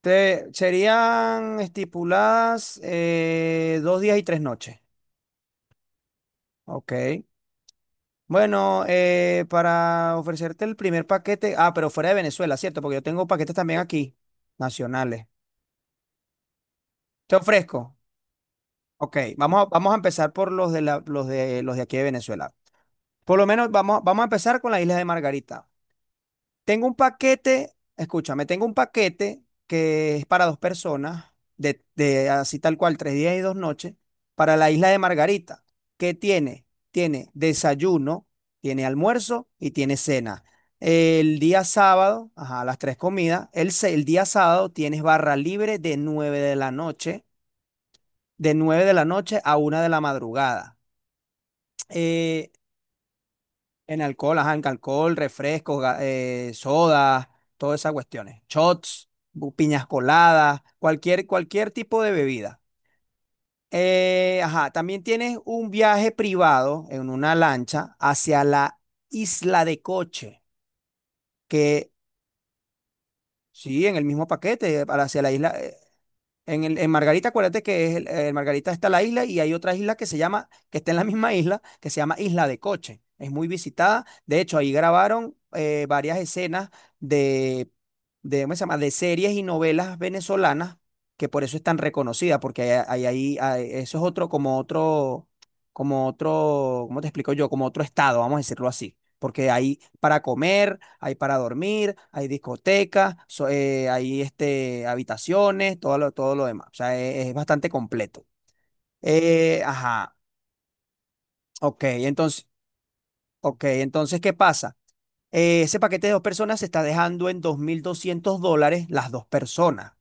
Serían estipuladas 2 días y 3 noches. Ok. Bueno, para ofrecerte el primer paquete, pero fuera de Venezuela, ¿cierto? Porque yo tengo paquetes también aquí, nacionales. Te ofrezco. Ok, vamos a empezar por los de aquí de Venezuela. Por lo menos vamos a empezar con las Islas de Margarita. Tengo un paquete, escúchame, tengo un paquete que es para dos personas, de así tal cual, 3 días y 2 noches, para la isla de Margarita. ¿Qué tiene? Tiene desayuno, tiene almuerzo y tiene cena. El día sábado, ajá, las tres comidas. El día sábado tienes barra libre de nueve de la noche a una de la madrugada. Eh, En alcohol, ajá, en alcohol, refrescos, sodas, todas esas cuestiones. Shots, piñas coladas, cualquier tipo de bebida. Ajá, también tienes un viaje privado en una lancha hacia la isla de Coche, que sí, en el mismo paquete, para hacia la isla. En Margarita, acuérdate que en Margarita está la isla y hay otra isla que se llama, que está en la misma isla, que se llama Isla de Coche. Es muy visitada. De hecho, ahí grabaron varias escenas de, ¿cómo se llama? De series y novelas venezolanas, que por eso es tan reconocida, porque eso es otro, como otro, como otro, ¿cómo te explico yo? Como otro estado, vamos a decirlo así porque hay para comer, hay para dormir, hay discotecas, hay este, habitaciones, todo lo demás. O sea, es bastante completo. Ajá, ok, entonces, ok, entonces, ¿qué pasa? Ese paquete de dos personas se está dejando en $2.200 las dos personas.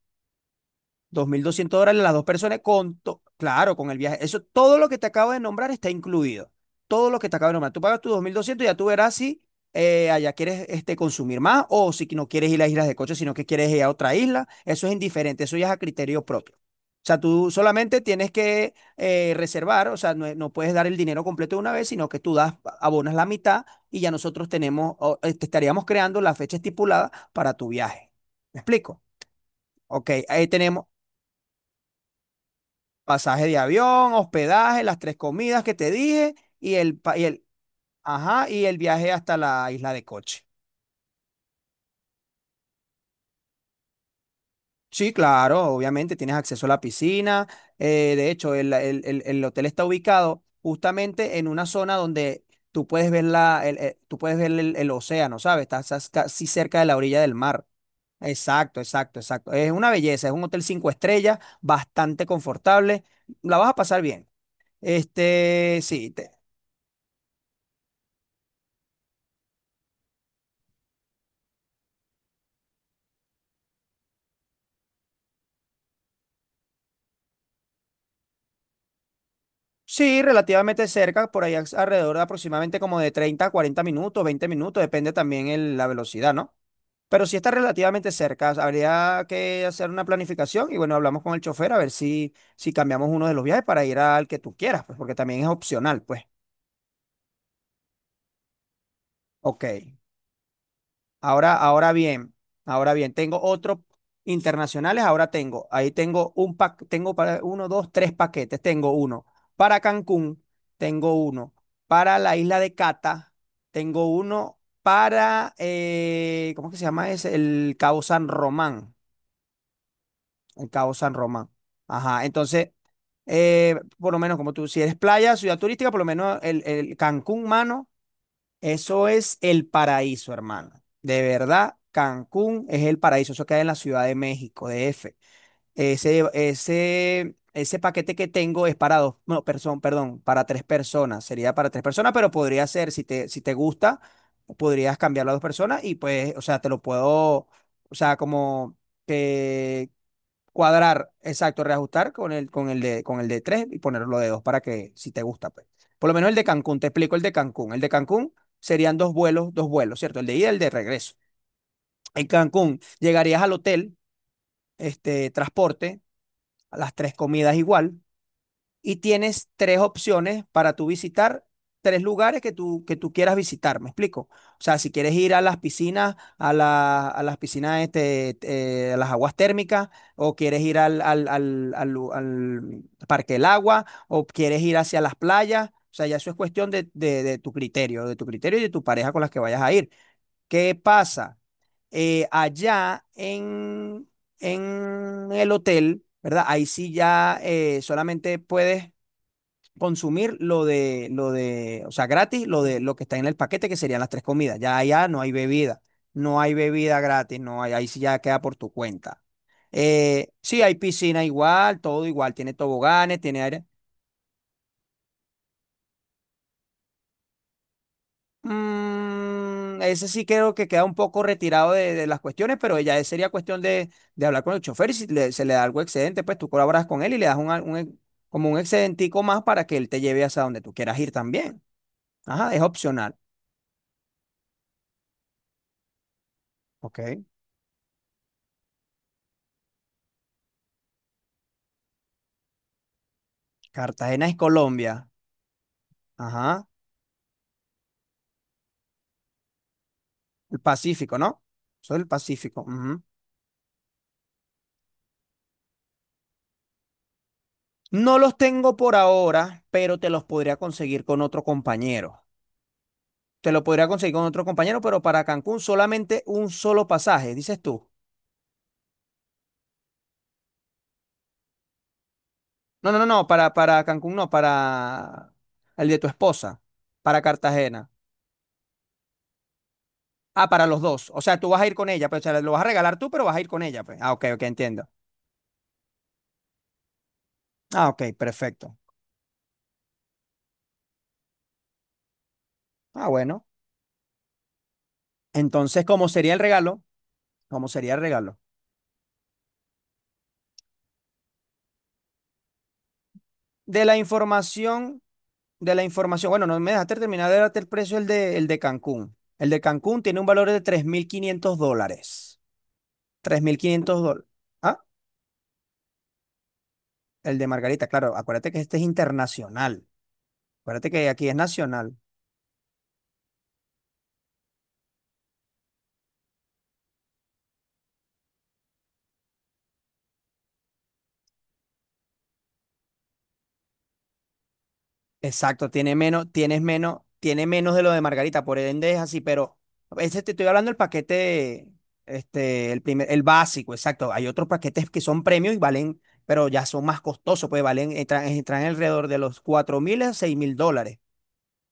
Dos mil doscientos dólares las dos personas claro, con el viaje. Eso, todo lo que te acabo de nombrar está incluido. Todo lo que te acabo de nombrar. Tú pagas tus 2.200 y ya tú verás si allá quieres este, consumir más o si no quieres ir a islas de coche, sino que quieres ir a otra isla. Eso es indiferente, eso ya es a criterio propio. O sea, tú solamente tienes que reservar. O sea, no puedes dar el dinero completo de una vez, sino que tú das, abonas la mitad y ya nosotros tenemos, estaríamos creando la fecha estipulada para tu viaje. ¿Me explico? Ok, ahí tenemos, pasaje de avión, hospedaje, las tres comidas que te dije y el, pa- y el, ajá, y el viaje hasta la isla de Coche. Sí, claro, obviamente tienes acceso a la piscina. De hecho, el hotel está ubicado justamente en una zona donde tú puedes ver el océano, ¿sabes? Estás casi cerca de la orilla del mar. Exacto, exacto, exacto. Es una belleza, es un hotel 5 estrellas, bastante confortable. La vas a pasar bien. Este, sí. Sí, relativamente cerca, alrededor de aproximadamente como de 30 a 40 minutos, 20 minutos, depende también la velocidad, ¿no? Pero sí está relativamente cerca, habría que hacer una planificación y bueno, hablamos con el chofer a ver si cambiamos uno de los viajes para ir al que tú quieras, pues porque también es opcional, pues. Ok. Ahora, ahora bien, Ahora bien, tengo otros internacionales, ahí tengo un paquete, tengo para uno, dos, tres paquetes, tengo uno para Cancún, tengo uno para la isla de Cata, tengo uno ¿cómo que se llama ese? El Cabo San Román, el Cabo San Román. Ajá, entonces, por lo menos como tú, si eres playa, ciudad turística, por lo menos el Cancún, mano. Eso es el paraíso, hermano. De verdad, Cancún es el paraíso. Eso queda en la Ciudad de México, DF. Ese paquete que tengo es para dos, no, perdón, perdón, para tres personas. Sería para tres personas, pero podría ser, si te gusta, podrías cambiarlo a dos personas y pues, o sea, te lo puedo, o sea, como cuadrar, exacto, reajustar con el de 3 y ponerlo de 2 para que si te gusta, pues. Por lo menos el de Cancún, te explico el de Cancún. El de Cancún serían dos vuelos, ¿cierto? El de ida y el de regreso. En Cancún llegarías al hotel, este, transporte, las tres comidas igual, y tienes tres opciones para tú visitar, tres lugares que tú quieras visitar, ¿me explico? O sea, si quieres ir a las piscinas, a las piscinas, este, a las aguas térmicas, o quieres ir al Parque del Agua, o quieres ir hacia las playas, o sea, ya eso es cuestión de tu criterio y de tu pareja con las que vayas a ir. ¿Qué pasa? Allá en el hotel, ¿verdad? Ahí sí ya solamente puedes consumir o sea, gratis, lo de lo que está en el paquete, que serían las tres comidas. Ya allá no hay bebida gratis, no hay, ahí sí ya queda por tu cuenta. Sí, hay piscina igual, todo igual, tiene toboganes, tiene aire. Ese sí creo que queda un poco retirado de las cuestiones, pero ya sería cuestión de hablar con el chofer y si le- se le da algo excedente, pues tú colaboras con él y le das como un excedentico más para que él te lleve hasta donde tú quieras ir también. Ajá, es opcional. Ok. Cartagena es Colombia. Ajá. El Pacífico, ¿no? Soy el Pacífico. Ujú. No los tengo por ahora, pero te los podría conseguir con otro compañero. Te lo podría conseguir con otro compañero, pero para Cancún solamente un solo pasaje, dices tú. No, no, no, no, para Cancún no, para el de tu esposa, para Cartagena. Ah, para los dos. O sea, tú vas a ir con ella, pero o sea, lo vas a regalar tú, pero vas a ir con ella, pues. Ah, ok, ok, entiendo. Ah, ok, perfecto. Ah, bueno. Entonces, ¿cómo sería el regalo? ¿Cómo sería el regalo? De la información, de la información, bueno, no me dejaste terminar de darte el precio el de Cancún. El de Cancún tiene un valor de $3.500. $3.500. Ah, el de Margarita, claro, acuérdate que este es internacional. Acuérdate que aquí es nacional. Exacto, tiene menos de lo de Margarita, por ende es así, pero ese te estoy hablando del paquete, este, el básico, exacto. Hay otros paquetes que son premium y valen, pero ya son más costosos, pues valen, entran alrededor de los $4.000 a $6.000.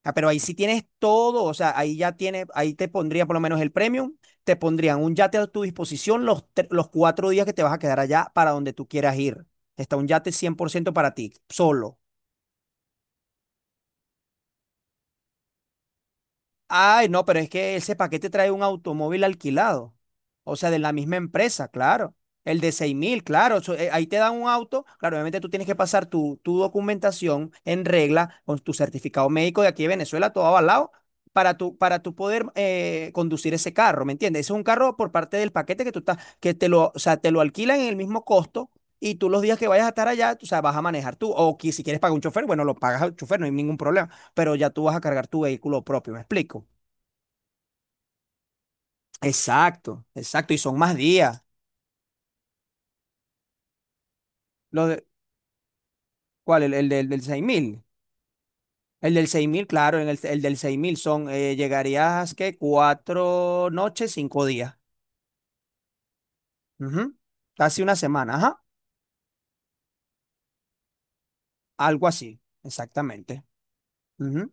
Ah, pero ahí sí tienes todo, o sea, ahí ya tienes, ahí te pondría por lo menos el premium, te pondrían un yate a tu disposición los 4 días que te vas a quedar allá para donde tú quieras ir. Está un yate 100% para ti, solo. Ay, no, pero es que ese paquete trae un automóvil alquilado. O sea, de la misma empresa, claro. El de 6.000, claro. Ahí te dan un auto. Claro, obviamente tú tienes que pasar tu documentación en regla con tu certificado médico de aquí de Venezuela, todo avalado, para tu poder conducir ese carro, ¿me entiendes? Ese es un carro por parte del paquete que tú estás, que te lo, o sea, te lo alquilan en el mismo costo. Y tú los días que vayas a estar allá, tú, o sea, vas a manejar tú. O que si quieres pagar un chofer, bueno, lo pagas al chofer, no hay ningún problema pero ya tú vas a cargar tu vehículo propio, ¿me explico? Exacto, exacto. Y son más días. Lo de- ¿Cuál? Del 6.000. El del 6.000, claro, el del 6000 son, llegarías, ¿qué? 4 noches, 5 días. Ujú. Casi una semana, ajá. Algo así, exactamente. Ujú.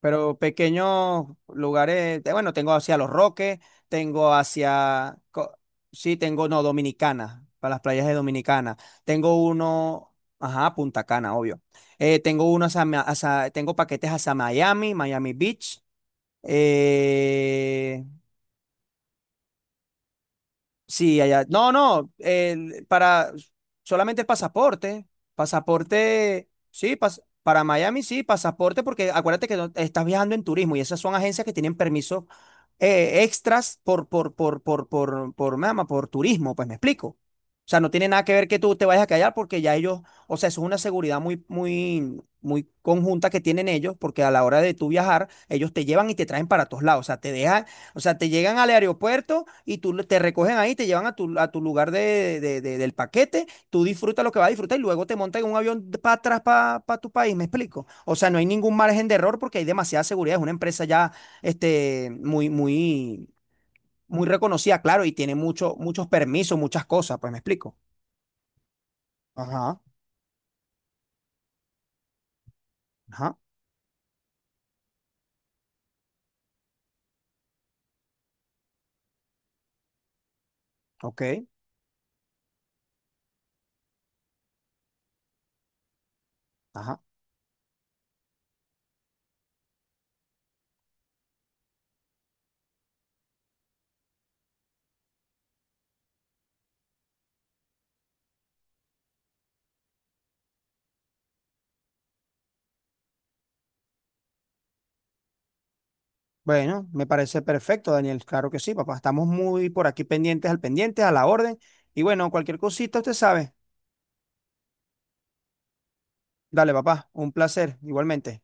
Pero pequeños lugares, bueno, tengo hacia Los Roques, tengo sí, tengo, no, Dominicana, para las playas de Dominicana. Tengo uno, ajá, Punta Cana, obvio. Tengo uno tengo paquetes hacia Miami, Miami Beach. Eh, Sí, allá. No, no, para solamente el pasaporte. Pasaporte, sí, para Miami sí, pasaporte, porque acuérdate que estás viajando en turismo y esas son agencias que tienen permisos extras mama, por turismo, pues me explico. O sea, no tiene nada que ver que tú te vayas a callar porque ya ellos, o sea, eso es una seguridad muy, muy, muy conjunta que tienen ellos, porque a la hora de tú viajar, ellos te llevan y te traen para todos lados. O sea, te dejan, o sea, te llegan al aeropuerto y tú te recogen ahí, te llevan a tu lugar del paquete, tú disfrutas lo que vas a disfrutar y luego te montas en un avión para atrás, para tu país, ¿me explico? O sea, no hay ningún margen de error porque hay demasiada seguridad, es una empresa ya este, muy, muy, muy reconocida, claro, y tiene muchos permisos, muchas cosas, pues me explico. Ajá, ajá, ok, ajá. Bueno, me parece perfecto, Daniel, claro que sí, papá, estamos muy por aquí pendientes al pendiente, a la orden. Y bueno, cualquier cosita, usted sabe. Dale, papá, un placer, igualmente.